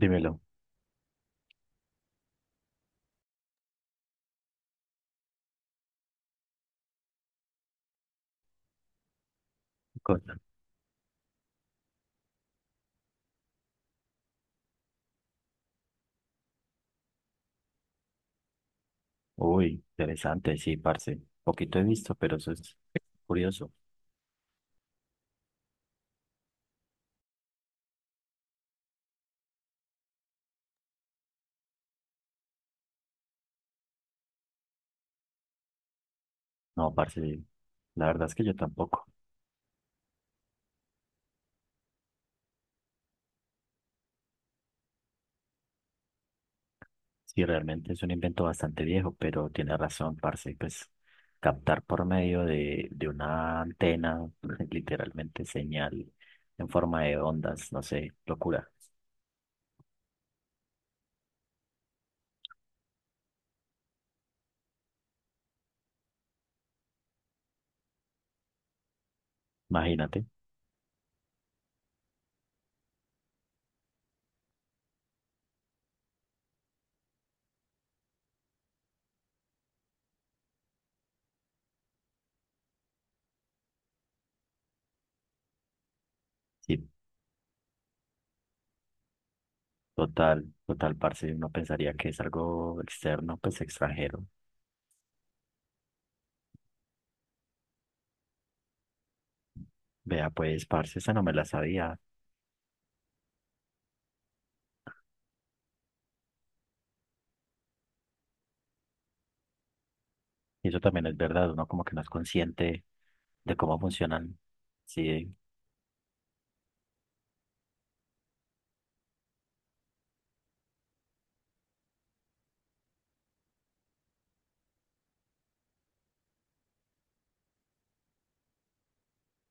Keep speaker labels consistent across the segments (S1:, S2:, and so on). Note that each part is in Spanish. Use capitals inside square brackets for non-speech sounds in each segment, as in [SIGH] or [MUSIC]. S1: Dímelo. Cosa. Uy, interesante, sí, parce. Poquito he visto, pero eso es curioso. No, parce, la verdad es que yo tampoco. Sí, realmente es un invento bastante viejo, pero tiene razón, parce, pues captar por medio de una antena, [LAUGHS] literalmente señal en forma de ondas, no sé, locura. Imagínate. Sí, total, total, parce, uno pensaría que es algo externo, pues extranjero. Vea, pues, parce, esa no me la sabía. Y eso también es verdad, uno como que no es consciente de cómo funcionan. Sí,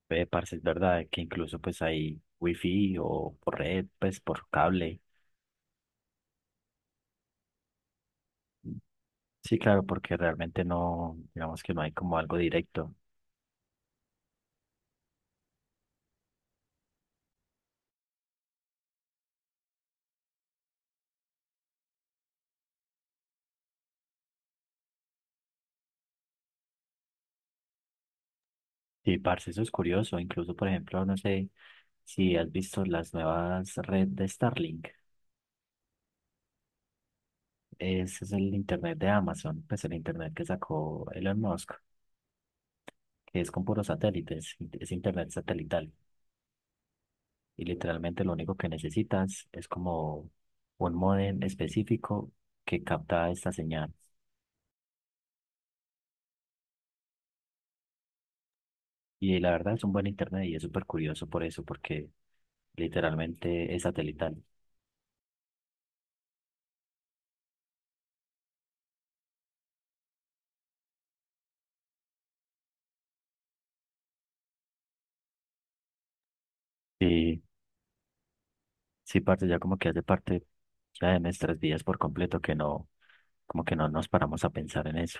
S1: ve parce, es verdad que incluso pues hay wifi o por red, pues por cable. Sí, claro, porque realmente no, digamos que no hay como algo directo. Sí, parce, eso es curioso. Incluso, por ejemplo, no sé si has visto las nuevas redes de Starlink. Ese es el internet de Amazon, pues el internet que sacó Elon Musk, que es con puros satélites, es internet satelital. Y literalmente lo único que necesitas es como un modem específico que capta esta señal. Y la verdad es un buen internet y es súper curioso por eso, porque literalmente es satelital. Sí, sí, parte ya como que hace parte ya de nuestras vidas por completo que no, como que no nos paramos a pensar en eso.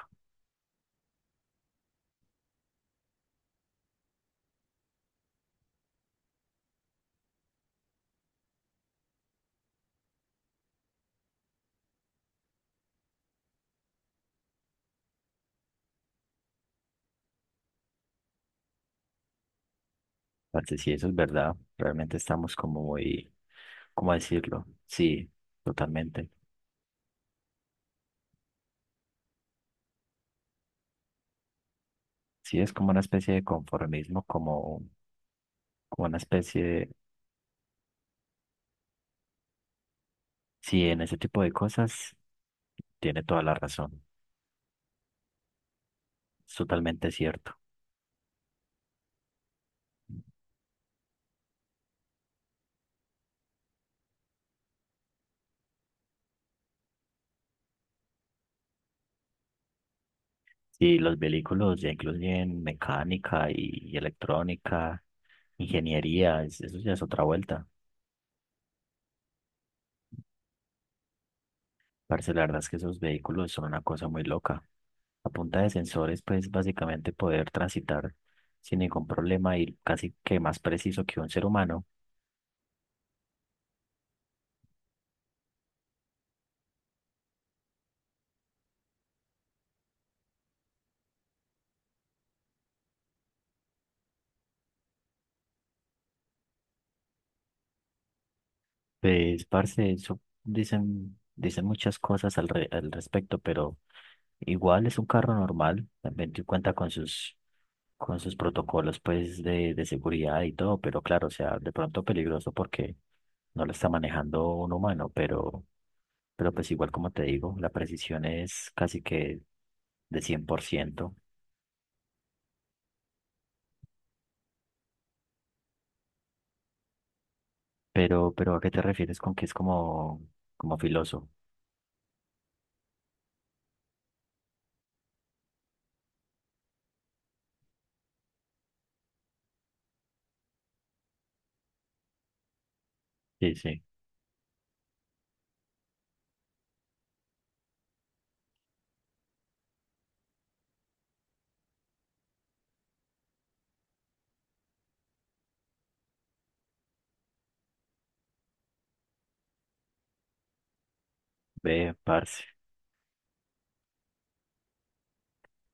S1: Parce, sí eso es verdad, realmente estamos como muy, ¿cómo decirlo? Sí, totalmente. Sí, es como una especie de conformismo, como, como una especie. Sí, en ese tipo de cosas tiene toda la razón. Es totalmente cierto. Y los vehículos ya incluyen mecánica y electrónica, ingeniería, eso ya es otra vuelta. Parce, la verdad es que esos vehículos son una cosa muy loca. A punta de sensores, pues básicamente poder transitar sin ningún problema y casi que más preciso que un ser humano. Pues, parce, eso dicen, dicen muchas cosas al respecto, pero igual es un carro normal, también te cuenta con sus protocolos pues de seguridad y todo, pero claro, o sea, de pronto peligroso porque no lo está manejando un humano, pero pues igual como te digo, la precisión es casi que de 100%. Pero ¿a qué te refieres con que es como, como filoso? Sí, sí, ve, parce.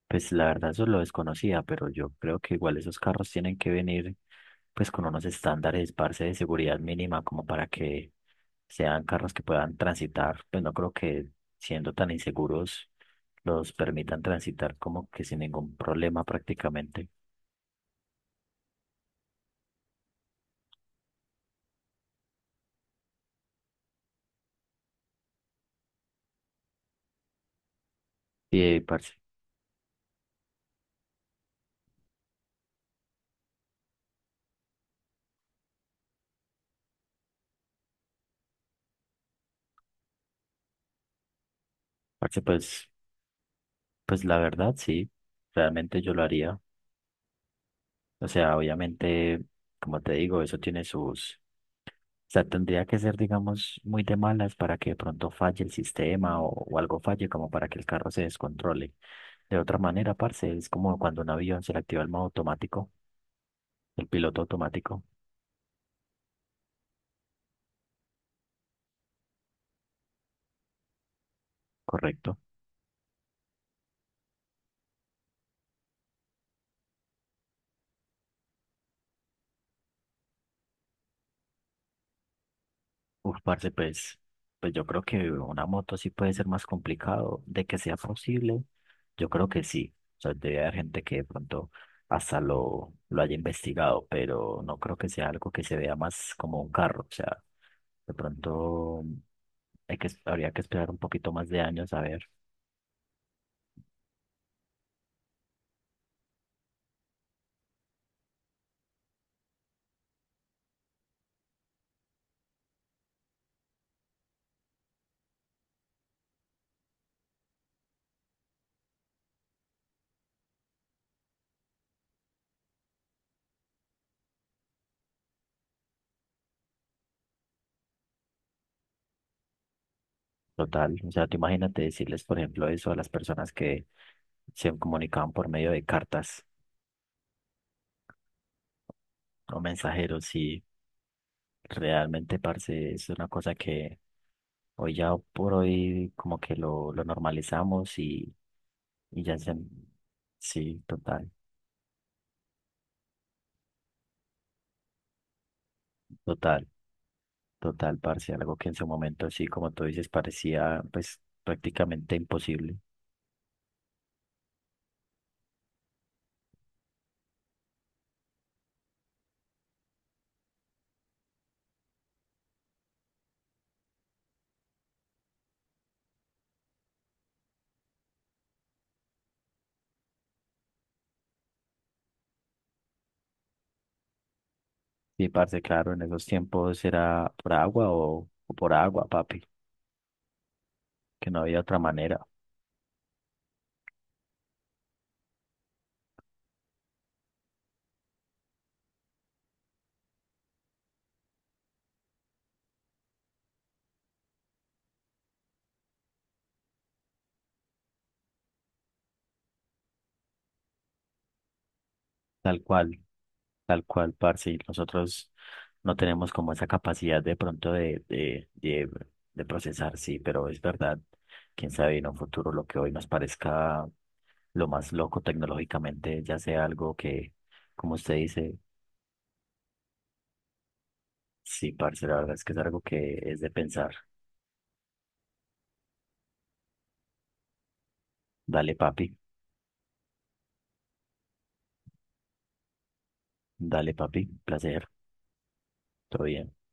S1: Pues la verdad eso lo desconocía, pero yo creo que igual esos carros tienen que venir pues con unos estándares, parce, de seguridad mínima como para que sean carros que puedan transitar. Pues no creo que siendo tan inseguros los permitan transitar como que sin ningún problema prácticamente. Y parce, parce, pues, pues la verdad sí, realmente yo lo haría. O sea, obviamente, como te digo, eso tiene sus. O sea, tendría que ser, digamos, muy de malas para que de pronto falle el sistema o algo falle como para que el carro se descontrole. De otra manera, parce, es como cuando un avión se le activa el modo automático, el piloto automático, correcto. Uf, parce, pues, pues yo creo que una moto sí puede ser más complicado. De que sea posible, yo creo que sí. O sea, debe haber gente que de pronto hasta lo haya investigado, pero no creo que sea algo que se vea más como un carro. O sea, de pronto hay que, habría que esperar un poquito más de años a ver. Total. O sea, tú imagínate decirles, por ejemplo, eso a las personas que se comunicaban por medio de cartas o mensajeros y realmente, parce, es una cosa que hoy ya por hoy como que lo normalizamos y ya se... Sí, total, total, total, parce. Algo que en su momento, sí, como tú dices, parecía pues prácticamente imposible. Sí, parce, claro, en esos tiempos era por agua o por agua, papi, que no había otra manera. Tal cual, tal cual, parce, y nosotros no tenemos como esa capacidad de pronto de procesar, sí, pero es verdad, quién sabe en un futuro lo que hoy nos parezca lo más loco tecnológicamente, ya sea algo que, como usted dice, sí, parce, la verdad es que es algo que es de pensar. Dale, papi, dale, papi, placer, todo bien.